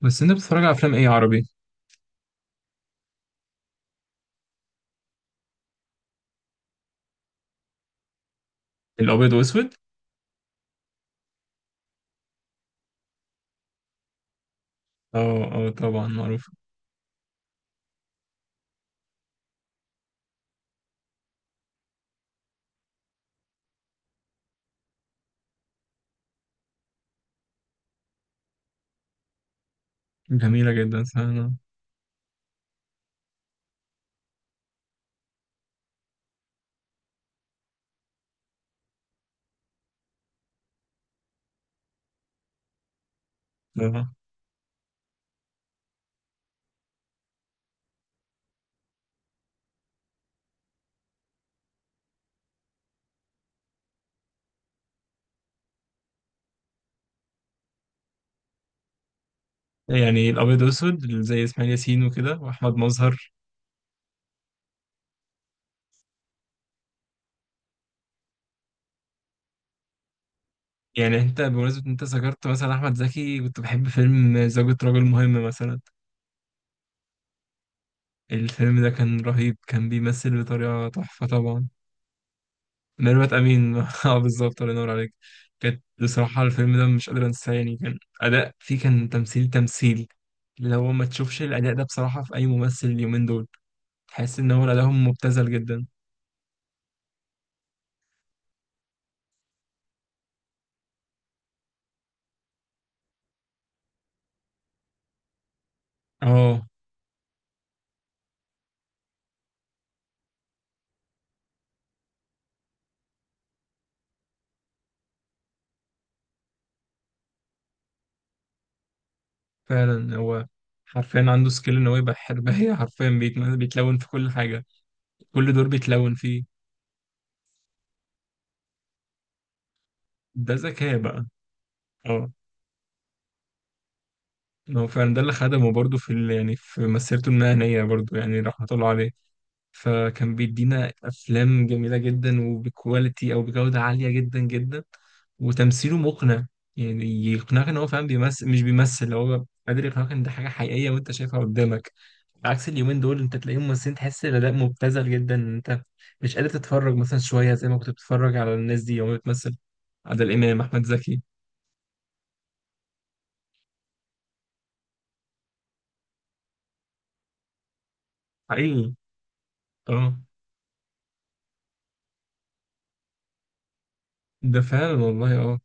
بس انت بتتفرج على افلام ايه عربي؟ الابيض واسود. اه. اه طبعا معروف، جميله جدا. فانا آه. يعني الابيض واسود زي اسماعيل ياسين وكده واحمد مظهر. يعني انت بمناسبه إن انت ذكرت مثلا احمد زكي، كنت بحب فيلم زوجة رجل مهم مثلا. الفيلم ده كان رهيب، كان بيمثل بطريقه تحفه طبعا. ميرفت امين اه بالظبط، الله ينور عليك. كانت بصراحه الفيلم ده مش قادر انساه، يعني كان اداء فيه، كان تمثيل. اللي هو ما تشوفش الاداء ده بصراحه في اي ممثل اليومين دول، تحس ان هو ادائهم مبتذل جدا. اه فعلا، هو حرفيا عنده سكيل ان هو يبقى حرباية حرفيا بيتلون في كل حاجة، كل دور بيتلون فيه. ده ذكاء بقى. اه، ما هو فعلا ده اللي خدمه برضه في يعني في مسيرته المهنية برضه، يعني رحمة الله عليه. فكان بيدينا أفلام جميلة جدا وبكواليتي أو بجودة عالية جدا جدا، وتمثيله مقنع. يعني يقنعك إن هو فعلا بيمثل، مش بيمثل، هو قادر يقنعك إن ده حاجة حقيقية وأنت شايفها قدامك. عكس اليومين دول انت تلاقيهم ممثلين تحس الاداء مبتذل جدا، ان انت مش قادر تتفرج مثلا شويه زي ما كنت بتتفرج على الناس دي وهي بتمثل. عادل امام، احمد زكي. حقيقي. اه. ده فعلا والله. اه،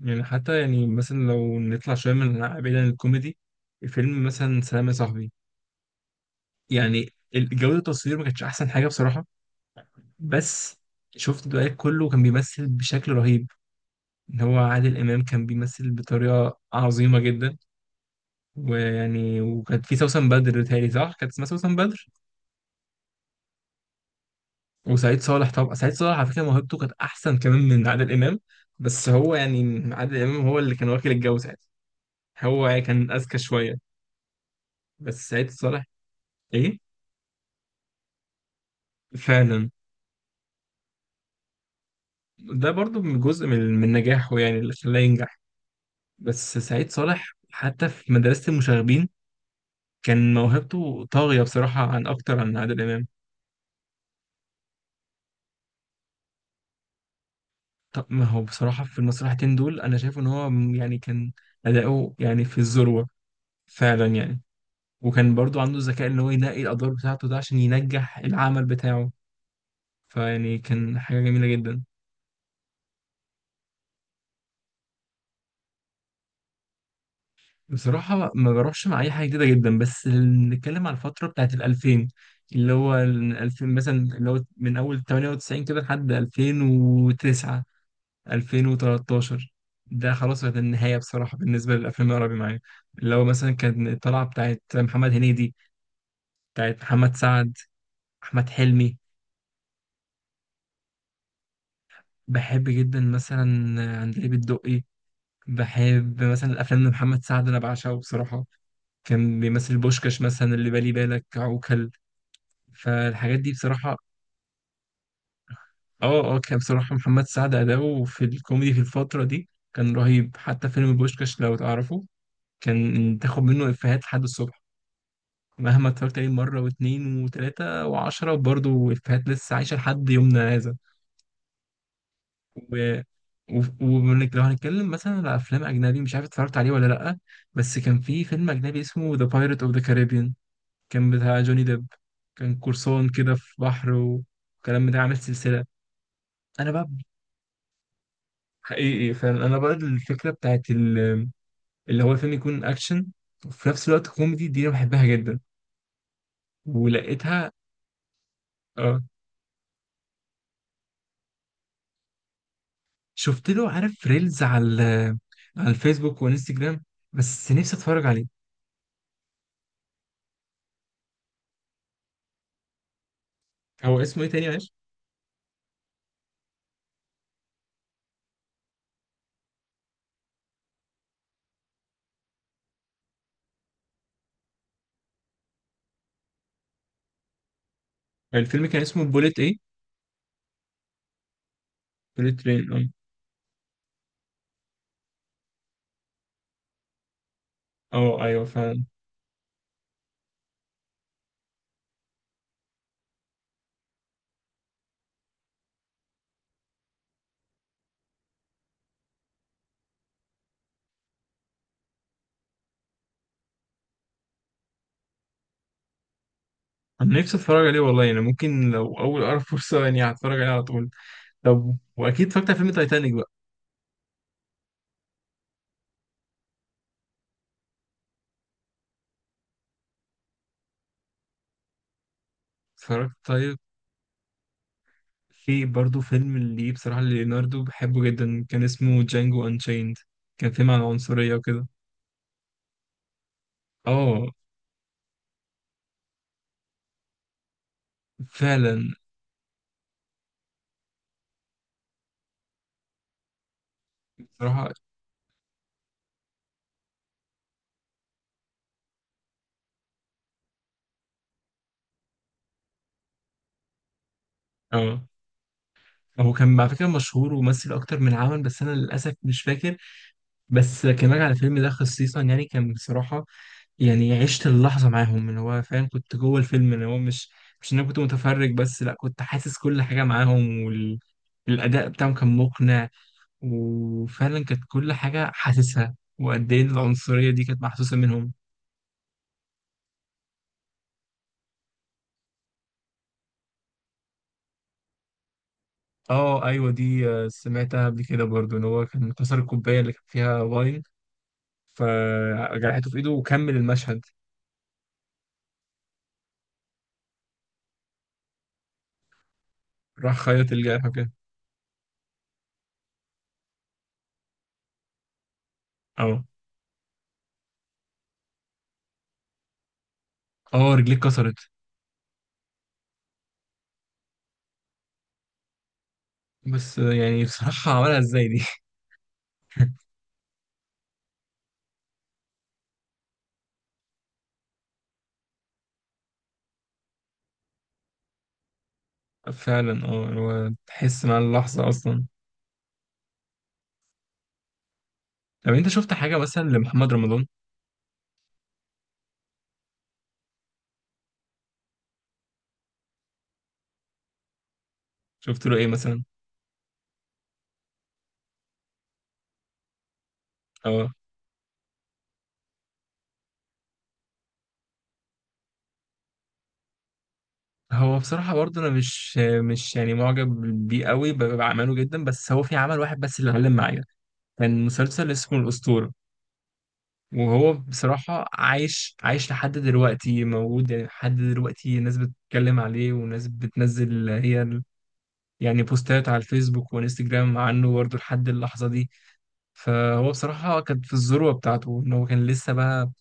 يعني حتى يعني مثلا لو نطلع شويه من بعيد عن الكوميدي، فيلم مثلا سلام يا صاحبي، يعني جوده التصوير ما كانتش احسن حاجه بصراحه، بس شفت الدقايق كله كان بيمثل بشكل رهيب. ان هو عادل امام كان بيمثل بطريقه عظيمه جدا. ويعني وكانت في سوسن بدر، تهيألي صح كانت اسمها سوسن بدر. وسعيد صالح، طبعا سعيد صالح على فكرة موهبته كانت أحسن كمان من عادل إمام. بس هو يعني عادل إمام هو اللي كان واكل الجو ساعتها، هو يعني كان أذكى شوية. بس سعيد صالح. إيه، فعلا. ده برضو من جزء من نجاحه، يعني اللي خلاه ينجح. بس سعيد صالح حتى في مدرسة المشاغبين كان موهبته طاغية بصراحة عن أكتر عن عادل إمام. طب ما هو بصراحة في المسرحتين دول أنا شايف إن هو يعني كان أداؤه يعني في الذروة فعلا، يعني وكان برضو عنده الذكاء ان هو ينقي الادوار بتاعته ده عشان ينجح العمل بتاعه، فيعني كان حاجه جميله جدا. بصراحه ما بروحش مع اي حاجه جديده جدا، بس نتكلم على الفتره بتاعت ال 2000، اللي هو ال 2000 مثلا اللي هو من اول 98 كده لحد 2009، 2013. ده خلاص كانت النهايه بصراحه بالنسبه للافلام العربي معايا. اللي هو مثلا كان الطلعه بتاعت محمد هنيدي، بتاعت محمد سعد، احمد حلمي. بحب جدا مثلا عندليب الدقي، بحب مثلا الافلام لمحمد سعد، انا بعشقه بصراحه. كان بيمثل بوشكاش مثلا، اللي بالي بالك عوكل، فالحاجات دي بصراحه. اه اه، كان بصراحه محمد سعد اداؤه في الكوميدي في الفتره دي كان رهيب. حتى فيلم بوشكاش لو تعرفه، كان تاخد منه افيهات لحد الصبح، مهما اتفرجت عليه مره واتنين وتلاته وعشره، برضه افيهات لسه عايشه لحد يومنا هذا. و... و... ومنك، لو هنتكلم مثلا على افلام اجنبي، مش عارف اتفرجت عليه ولا لا، بس كان في فيلم اجنبي اسمه ذا بايرت اوف ذا كاريبيان، كان بتاع جوني ديب، كان قرصان كده في بحر وكلام، بتاع عامل سلسلة. أنا بقى، حقيقي فعلا، أنا بقى الفكرة بتاعت اللي هو الفيلم يكون أكشن وفي نفس الوقت كوميدي، دي أنا بحبها جدا ولقيتها. آه، شفت له، عارف ريلز على على الفيسبوك وانستجرام، بس نفسي أتفرج عليه. هو اسمه إيه تاني معلش؟ الفيلم كان اسمه بوليت إيه؟ بوليت ترين، أه. أه أيوه فعلا. أنا نفسي أتفرج عليه والله، يعني ممكن لو أول أقرب فرصة يعني هتفرج عليه على طول. طب واكيد اتفرجت على فيلم تايتانيك بقى. اتفرجت، طيب. في برضه فيلم اللي بصراحه ليوناردو بحبه جدا، كان اسمه جانجو انشيند، كان فيلم عن العنصريه وكده. اه. فعلا. بصراحه. اه، هو كان على فكره مشهور ومثل اكتر من عمل، بس انا للاسف مش فاكر. بس كان راجع على الفيلم ده خصيصا، يعني كان بصراحه يعني عشت اللحظه معاهم، اللي هو فعلا كنت جوه الفيلم، اللي هو مش ان انا كنت متفرج بس، لا كنت حاسس كل حاجه معاهم، وال الأداء بتاعهم كان مقنع. وفعلا كانت كل حاجة حاسسها، وقد ايه العنصرية دي كانت محسوسة منهم. اه ايوه دي، سمعتها قبل كده برضو، ان هو كان كسر الكوباية اللي كان فيها واين، فجرحته في ايده وكمل المشهد. راح خيط الجرح كده. اه اه، رجليه اتكسرت. بس يعني بصراحة عملها ازاي دي؟ فعلا اه، هو تحس مع اللحظة اصلا. طب انت شفت حاجة مثلا لمحمد رمضان؟ شفت له ايه مثلا؟ اه، هو بصراحة برضه أنا مش يعني معجب بيه قوي بعمله جدا، بس هو في عمل واحد بس اللي علم معايا، كان مسلسل اسمه الأسطورة. وهو بصراحة عايش لحد دلوقتي موجود، يعني لحد دلوقتي ناس بتتكلم عليه وناس بتنزل هي يعني بوستات على الفيسبوك وانستجرام عنه برضه لحد اللحظة دي. فهو بصراحة كان في الذروة بتاعته، إن هو كان لسه بقى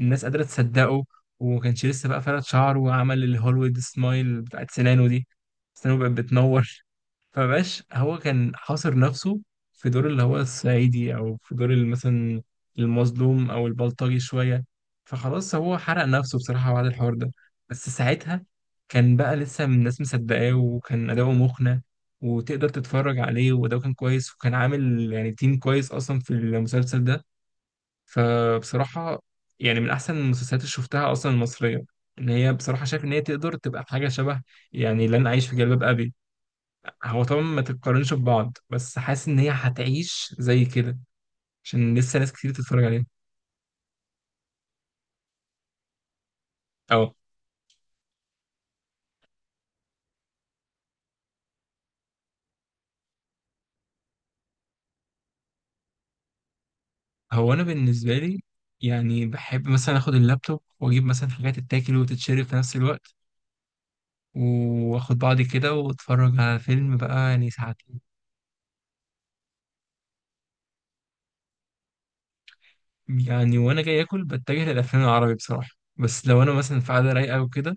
الناس قادرة تصدقه، وما كانش لسه بقى فرد شعره وعمل الهوليوود سمايل بتاعت سنانه دي، سنانه بقت بتنور. فبقاش هو كان حاصر نفسه في دور اللي هو الصعيدي، او في دور اللي مثلا المظلوم او البلطجي شويه. فخلاص هو حرق نفسه بصراحه بعد الحوار ده. بس ساعتها كان بقى لسه الناس مصدقاه، وكان اداؤه مقنع، وتقدر تتفرج عليه، واداؤه كان كويس، وكان عامل يعني تيم كويس اصلا في المسلسل ده. فبصراحة يعني من أحسن المسلسلات اللي شفتها أصلا المصرية، إن هي بصراحة شايف إن هي تقدر تبقى حاجة شبه يعني لن أعيش في جلباب أبي. هو طبعا ما تتقارنش ببعض، بس حاسس إن هي هتعيش زي كده، عشان لسه ناس كتير تتفرج عليها. أه. هو أنا بالنسبة لي يعني بحب مثلا آخد اللابتوب وأجيب مثلا حاجات تتاكل وتتشرب في نفس الوقت، وآخد بعضي كده وأتفرج على فيلم بقى يعني ساعتين. يعني وأنا جاي آكل بتجه للأفلام العربي بصراحة، بس لو أنا مثلا في قعدة رايقة وكده.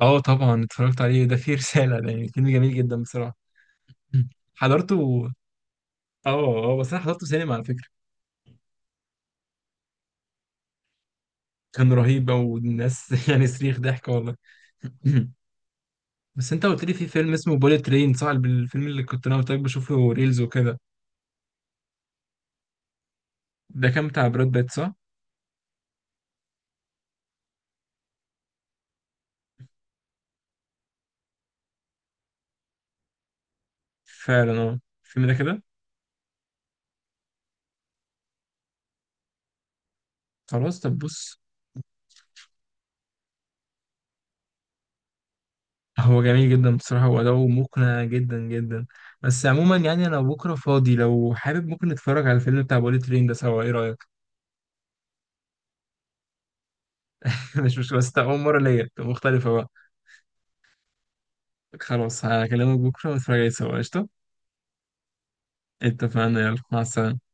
اه طبعا اتفرجت عليه، ده فيه رسالة، ده يعني فيلم جميل جدا بصراحة. مم. حضرته. اه. اه بس انا حضرته سينما على فكرة. كان رهيب او الناس يعني صريخ ضحك والله. بس انت قلت لي في فيلم اسمه بوليت ترين صح؟ الفيلم اللي كنت انا قلت لك بشوفه ريلز وكده، ده كان بتاع براد بيت صح؟ فعلا اه، الفيلم ده كده. خلاص طب بص، هو جميل جدا بصراحة وأداؤه مقنع جدا جدا. بس عموما يعني أنا بكرة فاضي، لو حابب ممكن نتفرج على الفيلم بتاع بوليت ترين ده سوا، إيه رأيك؟ مش مشكلة، بس تبقى أول مرة ليا، تبقى مختلفة بقى. خلاص هكلمك بكرة ونتفرج عليه سوا، قشطة. اتفقنا، يلا مع السلامة.